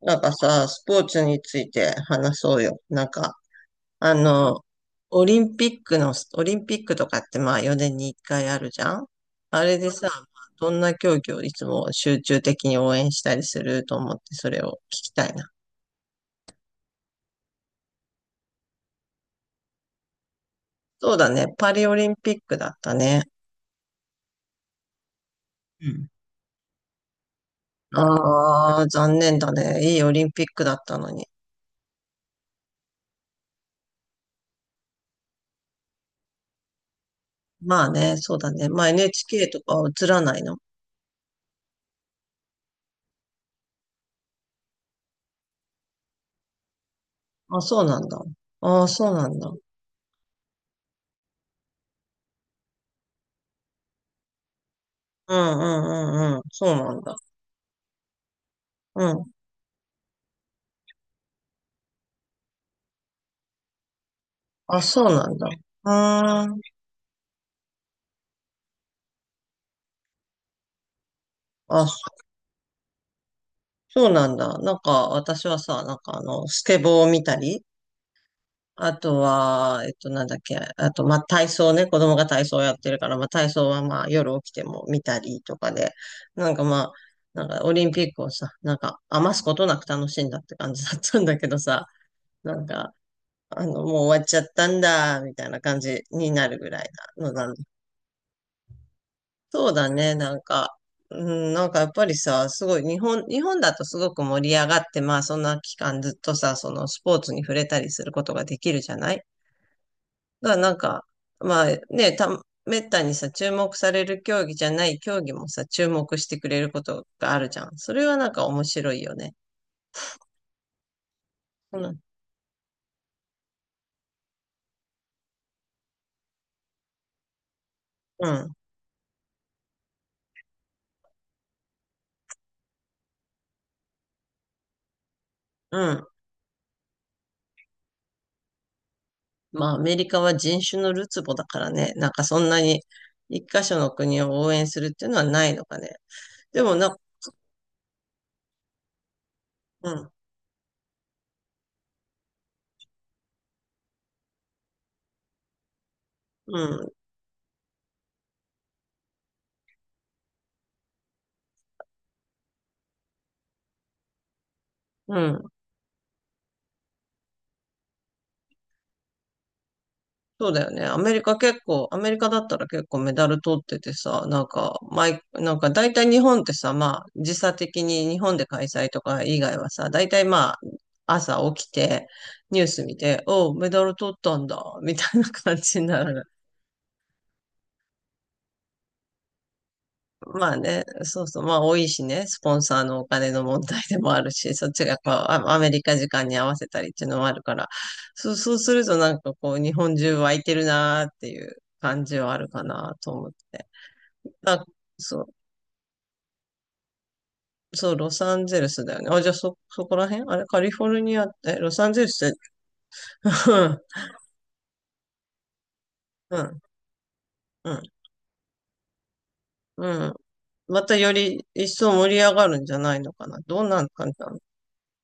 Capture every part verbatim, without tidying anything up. なんかさ、スポーツについて話そうよ。なんか、あの、オリンピックの、オリンピックとかってまあよねんにいっかいあるじゃん。あれでさ、どんな競技をいつも集中的に応援したりすると思って、それを聞きたいな。そうだね、パリオリンピックだったね。うん。ああ、残念だね。いいオリンピックだったのに。まあね、そうだね。まあ エヌエイチケー とかは映らないの。あ、そうなんだ。ああ、そうなんだ。うんうんうんうん。そうなんだ。うん。あ、そうなんだ。うーん。あ、そうなんだ。なんか、私はさ、なんかあの、スケボーを見たり、あとは、えっと、なんだっけ、あと、まあ、体操ね、子供が体操やってるから、まあ、体操はまあ、夜起きても見たりとかで、なんかまあ、なんかオリンピックをさ、なんか余すことなく楽しんだって感じだったんだけどさ、なんか、あの、もう終わっちゃったんだ、みたいな感じになるぐらいなのなんそうだね、なんか、うん、なんかやっぱりさ、すごい日本、日本だとすごく盛り上がって、まあそんな期間ずっとさ、そのスポーツに触れたりすることができるじゃない。だからなんか、まあね、た、めったにさ、注目される競技じゃない競技もさ、注目してくれることがあるじゃん。それはなんか面白いよね。うん、うん、うん。まあアメリカは人種のるつぼだからね、なんかそんなに一箇所の国を応援するっていうのはないのかね。でもな、うん、うん、うん。そうだよね。アメリカ結構、アメリカだったら結構メダル取っててさ、なんか、毎、なんか大体日本ってさ、まあ、時差的に日本で開催とか以外はさ、大体まあ、朝起きて、ニュース見て、おう、メダル取ったんだ、みたいな感じになる。まあね、そうそう、まあ多いしね、スポンサーのお金の問題でもあるし、そっちがこう、アアメリカ時間に合わせたりっていうのもあるから、そう、そうするとなんかこう、日本中湧いてるなーっていう感じはあるかなと思って。あ、そう、そう、ロサンゼルスだよね。あ、じゃあそ、そこら辺あれ、カリフォルニア、え、ロサンゼルスって、うん、うん、うん。またより一層盛り上がるんじゃないのかな。どんな感じなの。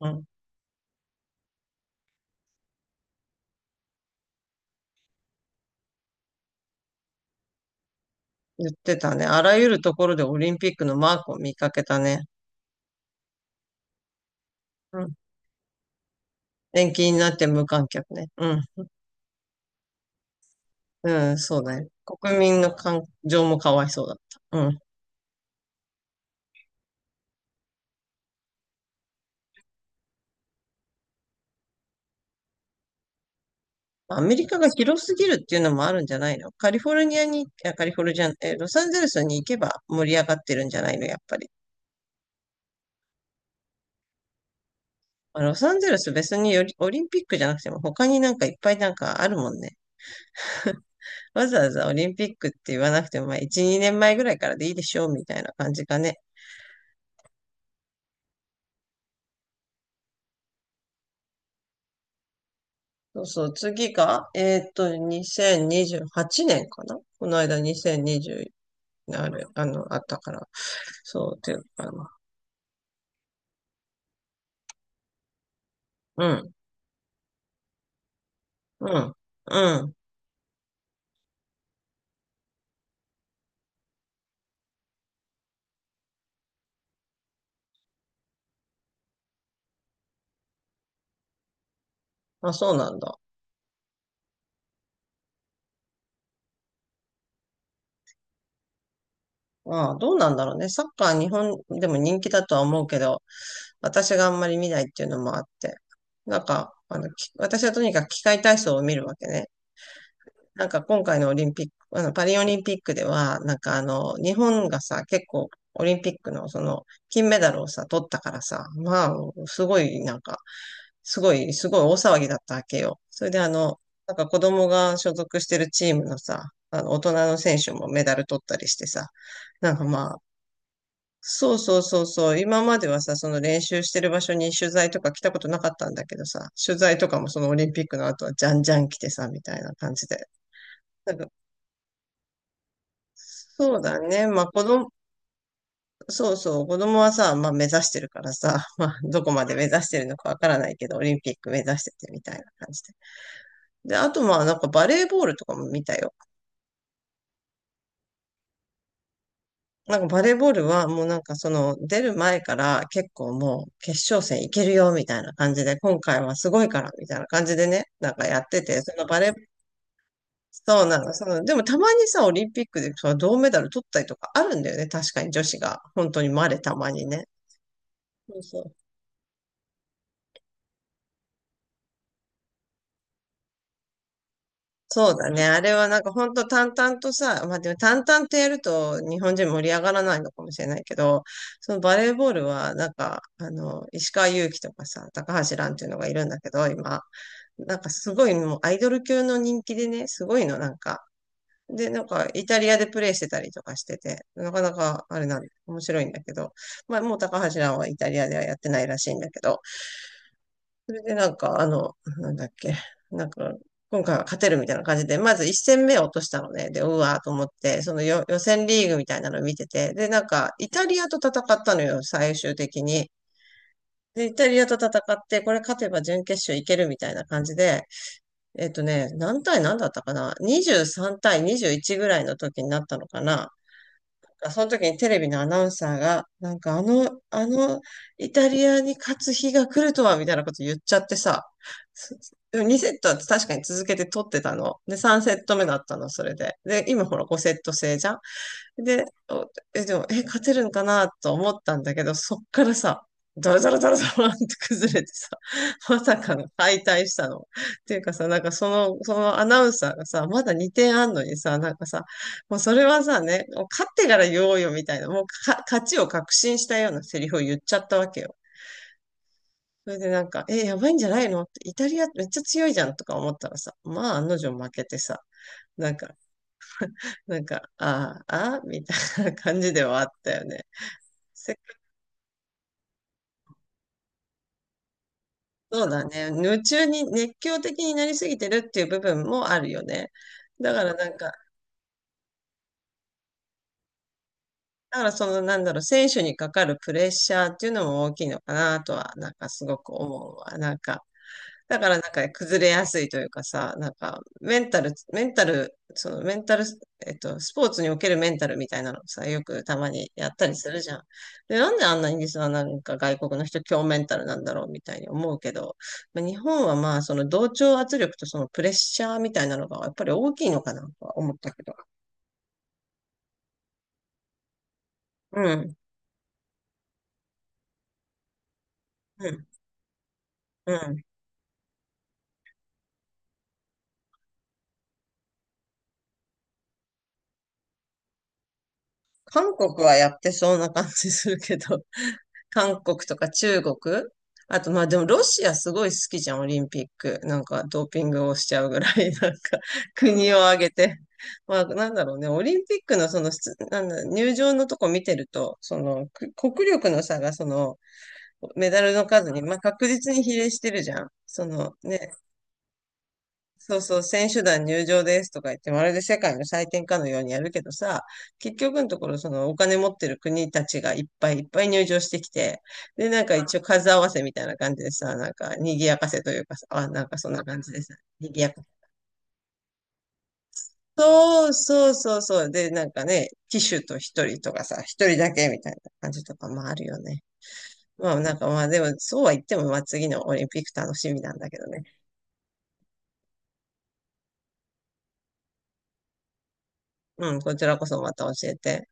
うん。言ってたね。あらゆるところでオリンピックのマークを見かけたね。うん。延期になって無観客ね。うん。うん、そうだね。国民の感情もかわいそうだった。うん。アメリカが広すぎるっていうのもあるんじゃないの？カリフォルニアに、いやカリフォルニア、えー、ロサンゼルスに行けば盛り上がってるんじゃないの、やっぱり。まあロサンゼルス別によりオリンピックじゃなくても他になんかいっぱいなんかあるもんね。わざわざオリンピックって言わなくても、まあいち、にねんまえぐらいからでいいでしょうみたいな感じかね。そうそう、次が、えーっと、にせんにじゅうはちねんかな。この間にせんにじゅう、ある、あの、あったから。そう、ていうかな。うん、うん、うん。あ、そうなんだ。まあ、どうなんだろうね。サッカー日本でも人気だとは思うけど、私があんまり見ないっていうのもあって。なんか、あの、き私はとにかく器械体操を見るわけね。なんか今回のオリンピック、あの、パリオリンピックでは、なんかあの、日本がさ、結構オリンピックのその、金メダルをさ、取ったからさ、まあ、すごい、なんか、すごい、すごい大騒ぎだったわけよ。それであの、なんか子供が所属してるチームのさ、あの、大人の選手もメダル取ったりしてさ、なんかまそうそうそうそう。今まではさ、その練習してる場所に取材とか来たことなかったんだけどさ、取材とかもそのオリンピックの後はじゃんじゃん来てさ、みたいな感じで。なんか、そうだね。まあ子供、そうそう、子供はさ、まあ目指してるからさ、まあどこまで目指してるのかわからないけど、オリンピック目指しててみたいな感じで。で、あとまあなんかバレーボールとかも見たよ。なんかバレーボールはもうなんかその出る前から結構もう決勝戦いけるよみたいな感じで今回はすごいからみたいな感じでね、なんかやってて、そのバレー、そうなの、その、でもたまにさ、オリンピックでその銅メダル取ったりとかあるんだよね、確かに女子が。本当にまれたまにね。そうそうそうだね。あれはなんか本当淡々とさ、まあでも淡々とやると日本人盛り上がらないのかもしれないけど、そのバレーボールはなんか、あの、石川祐希とかさ、高橋藍っていうのがいるんだけど、今。なんかすごいもうアイドル級の人気でね、すごいのなんか。で、なんかイタリアでプレイしてたりとかしてて、なかなかあれなん面白いんだけど、まあもう高橋藍はイタリアではやってないらしいんだけど、それでなんか、あの、なんだっけ、なんか、今回は勝てるみたいな感じで、まずいっ戦目を落としたのね。で、うわーと思って、そのよ予選リーグみたいなの見てて、で、なんか、イタリアと戦ったのよ、最終的に。で、イタリアと戦って、これ勝てば準決勝いけるみたいな感じで、えっとね、何対何だったかな？ にじゅうさん 対にじゅういちぐらいの時になったのかな。かその時にテレビのアナウンサーが、なんかあの、あの、イタリアに勝つ日が来るとは、みたいなこと言っちゃってさ、すでもにセットは確かに続けて取ってたの。で、さんセット目だったの、それで。で、今ほらごセット制じゃん。で、おえ、でも、え、勝てるんかなと思ったんだけど、そっからさ、ダラダラダラダラって崩れてさ、まさかの敗退したの。っていうかさ、なんかその、そのアナウンサーがさ、まだにてんあんのにさ、なんかさ、もうそれはさね、もう勝ってから言おうよみたいな、もうか勝ちを確信したようなセリフを言っちゃったわけよ。それでなんか、え、やばいんじゃないのって、イタリアめっちゃ強いじゃんとか思ったらさ、まあ案の定負けてさ、なんか、なんか、ああ、ああ、みたいな感じではあったよね。せそうだね。夢中に、熱狂的になりすぎてるっていう部分もあるよね。だからなんか、だからその、なんだろう、選手にかかるプレッシャーっていうのも大きいのかなとは、なんかすごく思うわ。なんか、だからなんか崩れやすいというかさ、なんかメンタル、メンタル、そのメンタル、えっと、スポーツにおけるメンタルみたいなのをさ、よくたまにやったりするじゃん。で、なんであんなにさ、なんか外国の人強メンタルなんだろうみたいに思うけど、まあ日本はまあその同調圧力とそのプレッシャーみたいなのがやっぱり大きいのかなとは思ったけど。うん、うん、うん。韓国はやってそうな感じするけど、韓国とか中国。あと、まあでもロシアすごい好きじゃん、オリンピック。なんかドーピングをしちゃうぐらい、なんか 国を挙げて。まあなんだろうね、オリンピックのその、すなんだ、入場のとこ見てると、そのく国力の差がそのメダルの数に、まあ確実に比例してるじゃん。そのね、そうそう、選手団入場ですとか言って、まるで世界の祭典かのようにやるけどさ、結局のところ、そのお金持ってる国たちがいっぱいいっぱい入場してきて、で、なんか一応数合わせみたいな感じでさ、なんか賑やかせというかさ、あ、なんかそんな感じでさ、賑やか。そうそうそうそう。で、なんかね、騎手と一人とかさ、一人だけみたいな感じとかもあるよね。まあなんかまあでも、そうは言っても、まあ次のオリンピック楽しみなんだけどね。うん、こちらこそまた教えて。